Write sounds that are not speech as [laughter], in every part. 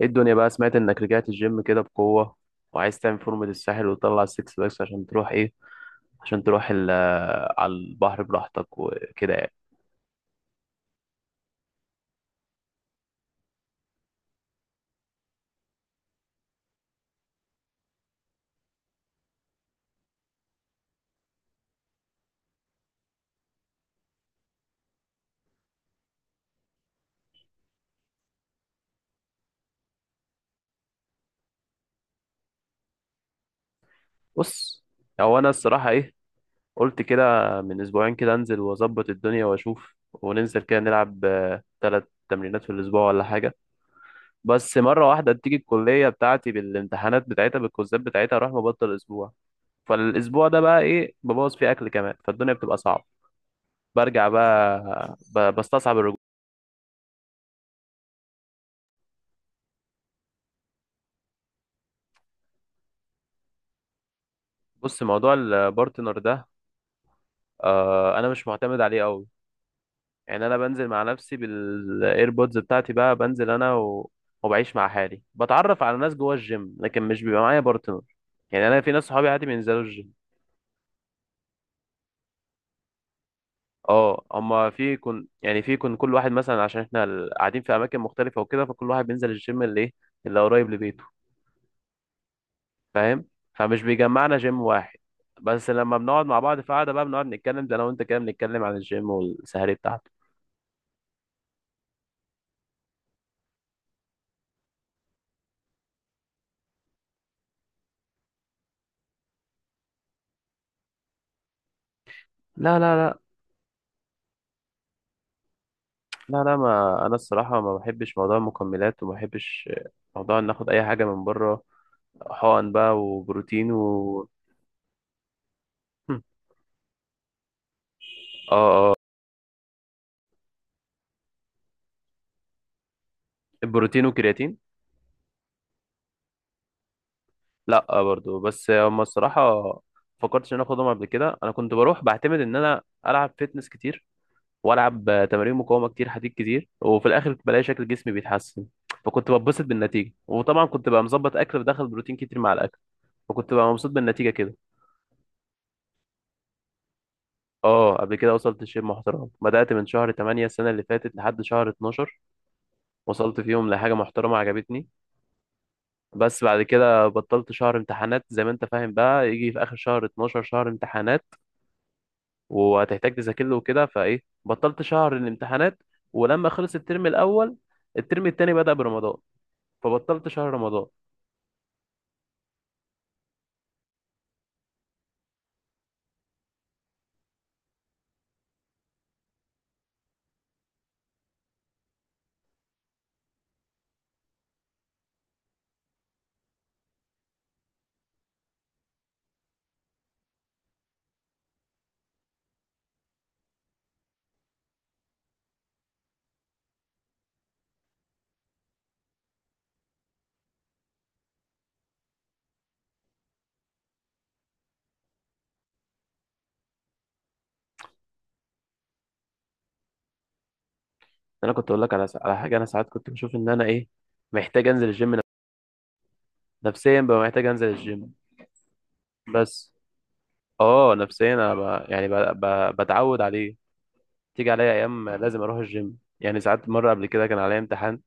ايه الدنيا بقى؟ سمعت انك رجعت الجيم كده بقوة، وعايز تعمل فورمة الساحل وتطلع السكس باكس عشان تروح ايه عشان تروح على البحر براحتك وكده يعني. بص، هو انا الصراحة ايه قلت كده من اسبوعين كده انزل واظبط الدنيا واشوف، وننزل كده نلعب ثلاث تمرينات في الاسبوع ولا حاجة. بس مرة واحدة تيجي الكلية بتاعتي بالامتحانات بتاعتها بالكوزات بتاعتها اروح مبطل اسبوع، فالاسبوع ده بقى ايه ببوظ فيه اكل كمان، فالدنيا بتبقى صعبة، برجع بقى، بستصعب الرجوع. بص موضوع البارتنر ده، آه انا مش معتمد عليه قوي، يعني انا بنزل مع نفسي بالايربودز بتاعتي بقى، بنزل انا و... وبعيش مع حالي، بتعرف على ناس جوه الجيم لكن مش بيبقى معايا بارتنر، يعني انا في ناس صحابي عادي بينزلوا الجيم. اه اما في كن يعني في كن كل واحد مثلا، عشان احنا قاعدين في اماكن مختلفه وكده، فكل واحد بينزل الجيم اللي ايه اللي قريب لبيته. فاهم، فمش بيجمعنا جيم واحد. بس لما بنقعد مع بعض في قعده بقى بنقعد نتكلم، ده انا وانت كده بنتكلم عن الجيم والسهري بتاعته. لا، لا، لا، لا، لا، ما انا الصراحه ما بحبش موضوع المكملات، وما بحبش موضوع ان اخد اي حاجه من بره، حقن بقى وبروتين و... هم. اه، اه، البروتين والكرياتين. لا آه برضو، بس هما الصراحه فكرتش ان انا اخدهم قبل كده، انا كنت بروح بعتمد ان انا العب فيتنس كتير، والعب تمارين مقاومه كتير حديد كتير، وفي الاخر بلاقي شكل جسمي بيتحسن، فكنت بتبسط بالنتيجه، وطبعا كنت بقى مظبط اكل، بدخل بروتين كتير مع الاكل، فكنت بقى مبسوط بالنتيجه كده. اه، قبل كده وصلت لشيء محترم، بدأت من شهر 8 السنة اللي فاتت لحد شهر 12، وصلت فيهم لحاجة محترمة عجبتني. بس بعد كده بطلت شهر امتحانات، زي ما انت فاهم بقى، يجي في آخر شهر 12 شهر امتحانات وهتحتاج تذاكر له وكده، فايه بطلت شهر الامتحانات. ولما خلص الترم الأول الترم التاني بدأ برمضان، فبطلت شهر رمضان. انا كنت اقول لك على حاجة، انا ساعات كنت بشوف ان انا ايه محتاج انزل الجيم، نفسيا بقى محتاج انزل الجيم. بس اه نفسيا انا يعني بتعود عليه، تيجي عليا ايام لازم اروح الجيم، يعني ساعات مره قبل كده كان عليا امتحان،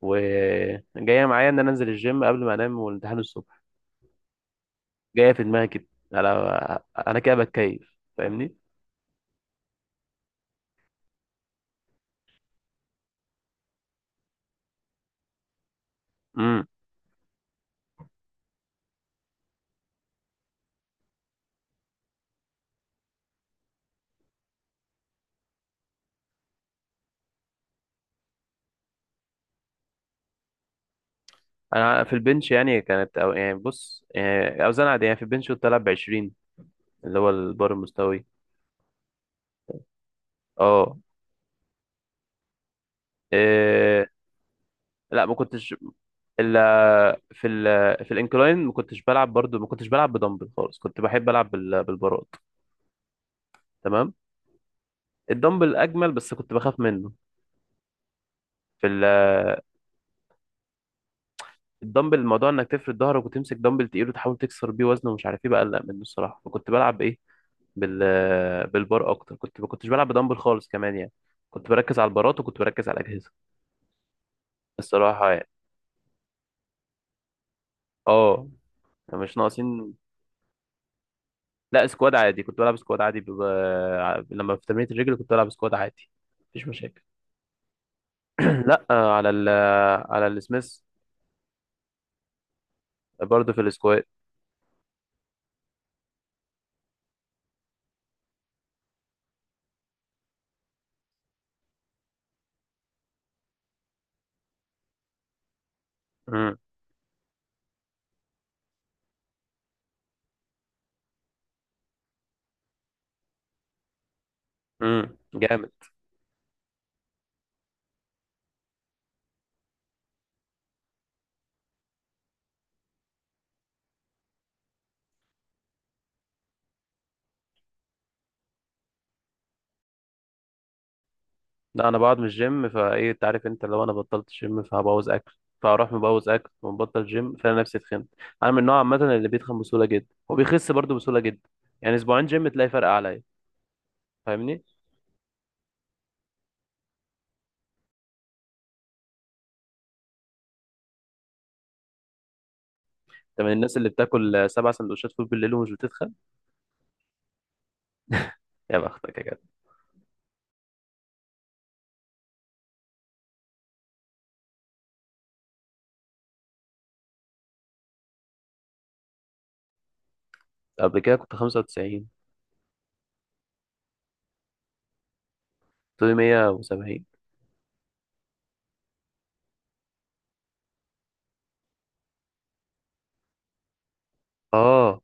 وجايه معايا ان انا انزل الجيم قبل ما انام والامتحان الصبح، جايه في دماغي كده، انا كده بتكيف، فاهمني. امم. انا في البنش يعني يعني بص يعني اوزان عاديه يعني، في البنش كنت العب ب 20 اللي هو البار المستوي. اه، إيه... لا ما كنتش. الا في في الانكلاين ما كنتش بلعب، برضو ما كنتش بلعب بدمبل خالص، كنت بحب العب بالبارات. تمام. الدمبل اجمل بس كنت بخاف منه. في الدمبل، الموضوع انك تفرد ظهرك وتمسك دمبل تقيل وتحاول تكسر بيه وزنه ومش عارف ايه، بقلق منه الصراحه، فكنت بلعب ايه بال بالبار اكتر، كنت ما كنتش بلعب بدمبل خالص كمان يعني، كنت بركز على البارات وكنت بركز على الاجهزه الصراحه يعني. اه مش ناقصين. لا سكواد عادي، كنت بلعب سكواد عادي، لما في تمرينة الرجل كنت بلعب سكواد عادي مفيش مشاكل. [clears throat] لا آه، على على السميث. برضه في السكواد. امم. جامد. لا انا بقعد من الجيم فايه، انت عارف، انت لو انا بطلت الجيم فهبوظ اكل، فاروح مبوظ اكل ومبطل جيم، فانا نفسي اتخنت. انا من النوع عامه اللي بيتخن بسهوله جدا وبيخس برضه بسهوله جدا، يعني اسبوعين جيم تلاقي فرق عليا، فاهمني انت؟ من الناس اللي بتاكل سبع سندوتشات فول بالليل ومش بتتخن. يا بختك يا جدع. قبل كده كنت 95، طولي 170، اه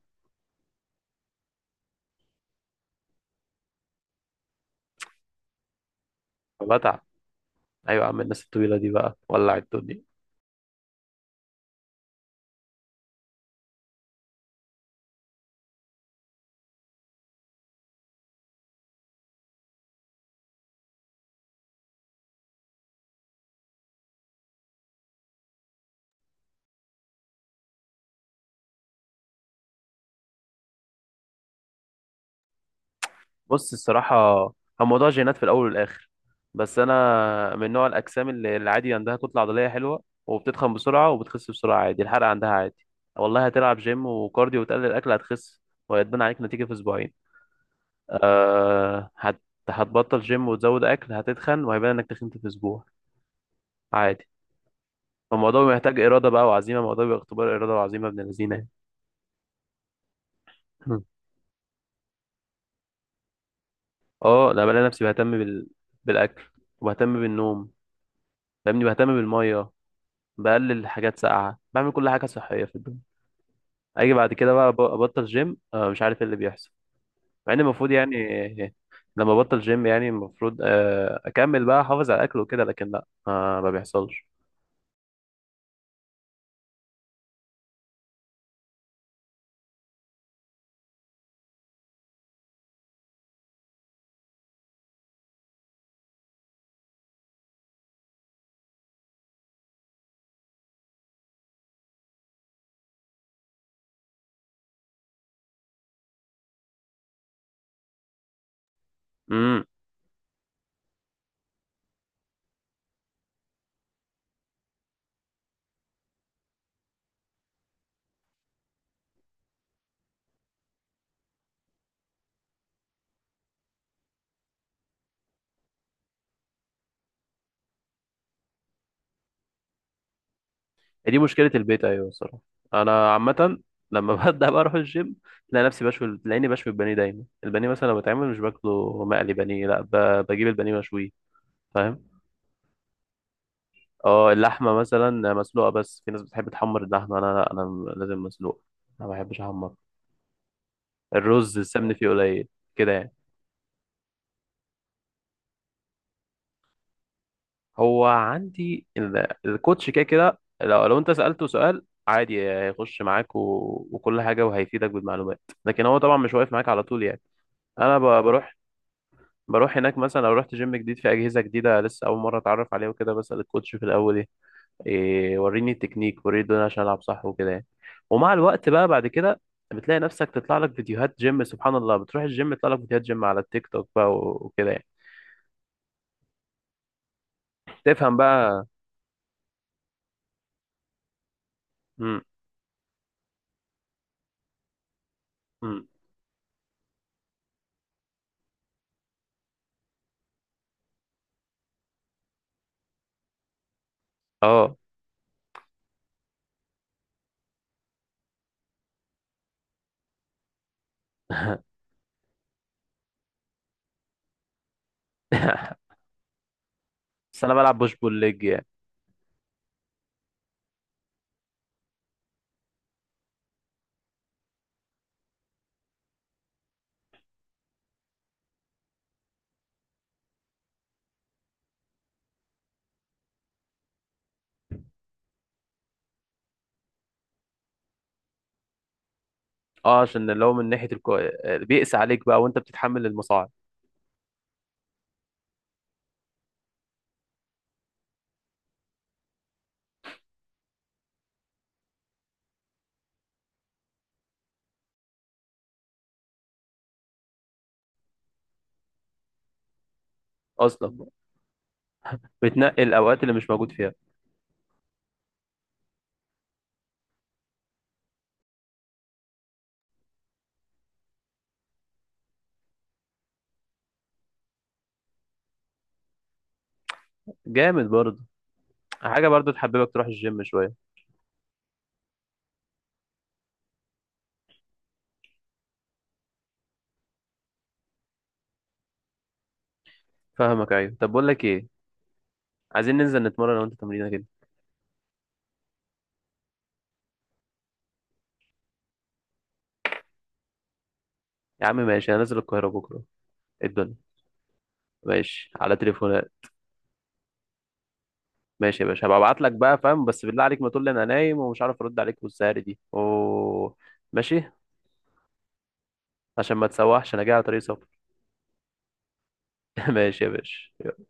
بتعب. ايوه يا عم، الناس الطويله دي بقى ولع الدنيا. بص الصراحة، هو موضوع جينات في الأول والآخر، بس أنا من نوع الأجسام اللي عادي عندها كتلة عضلية حلوة، وبتتخن بسرعة وبتخس بسرعة عادي، الحرق عندها عادي. والله هتلعب جيم وكارديو وتقلل الأكل هتخس، وهيتبان عليك نتيجة في أسبوعين. أه، هتبطل جيم وتزود أكل، هتتخن وهيبان إنك تخنت في أسبوع، عادي. الموضوع محتاج إرادة بقى وعزيمة، الموضوع بيبقى اختبار إرادة وعزيمة ابن الذين يعني. [laughs] اه، أنا بلاقي نفسي بهتم بالأكل، وبهتم بالنوم، فاهمني، بهتم بالمية، بقلل حاجات ساقعه، بعمل كل حاجه صحيه في الدنيا. اجي بعد كده بقى ابطل جيم، مش عارف ايه اللي بيحصل، مع ان المفروض يعني، لما ابطل جيم يعني المفروض اكمل بقى، احافظ على الاكل وكده، لكن لا، ما بيحصلش. امم. دي مشكله البيت، ايوه الصراحه، انا عامه، لما [laughs] ببدا بقى اروح الجيم، تلاقي نفسي بشوي، تلاقيني بشوي البانيه دايما، البانيه مثلا لو بتعمل مش باكله مقلي بانيه، لا بجيب البانيه مشويه، فاهم. اه اللحمة مثلا مسلوقة، بس في ناس بتحب تحمر اللحمة، أنا لا، أنا لازم مسلوقة، أنا ما بحبش أحمر. الرز السمن فيه قليل كده يعني. هو عندي الكوتش كده كده، لو أنت سألته سؤال عادي هيخش معاك و... وكل حاجة وهيفيدك بالمعلومات، لكن هو طبعا مش واقف معاك على طول يعني. أنا بروح هناك مثلا، لو رحت جيم جديد في أجهزة جديدة لسه أول مرة أتعرف عليها وكده، بسأل الكوتش في الأول إيه، وريني التكنيك وريني الدنيا عشان العب صح وكده يعني. ومع الوقت بقى بعد كده، بتلاقي نفسك تطلع لك فيديوهات جيم، سبحان الله بتروح الجيم يطلع لك فيديوهات جيم على التيك توك بقى وكده يعني، تفهم بقى. امم. امم. اه. [laughs] بس انا بلعب بوش بول ليج يعني. اه عشان اللي هو من ناحيه بيقسى عليك بقى وانت بتتحمل المصاعب. اصلا بتنقي الاوقات اللي مش موجود فيها. جامد برضه. حاجه برضه تحببك تروح الجيم شويه. فاهمك، ايوه طب بقول لك ايه، عايزين ننزل نتمرن لو انت تمرينه كده. يا عم ماشي، انا نازل القاهره بكره، إيه الدنيا. ماشي، على تليفونات. ماشي يا باشا، هبقى ابعت لك بقى فاهم، بس بالله عليك ما تقول لي انا نايم ومش عارف ارد عليك والسهر دي اوه. ماشي. عشان ما تسوحش انا جاي على طريق سفر. [laughs] ماشي يا باشا.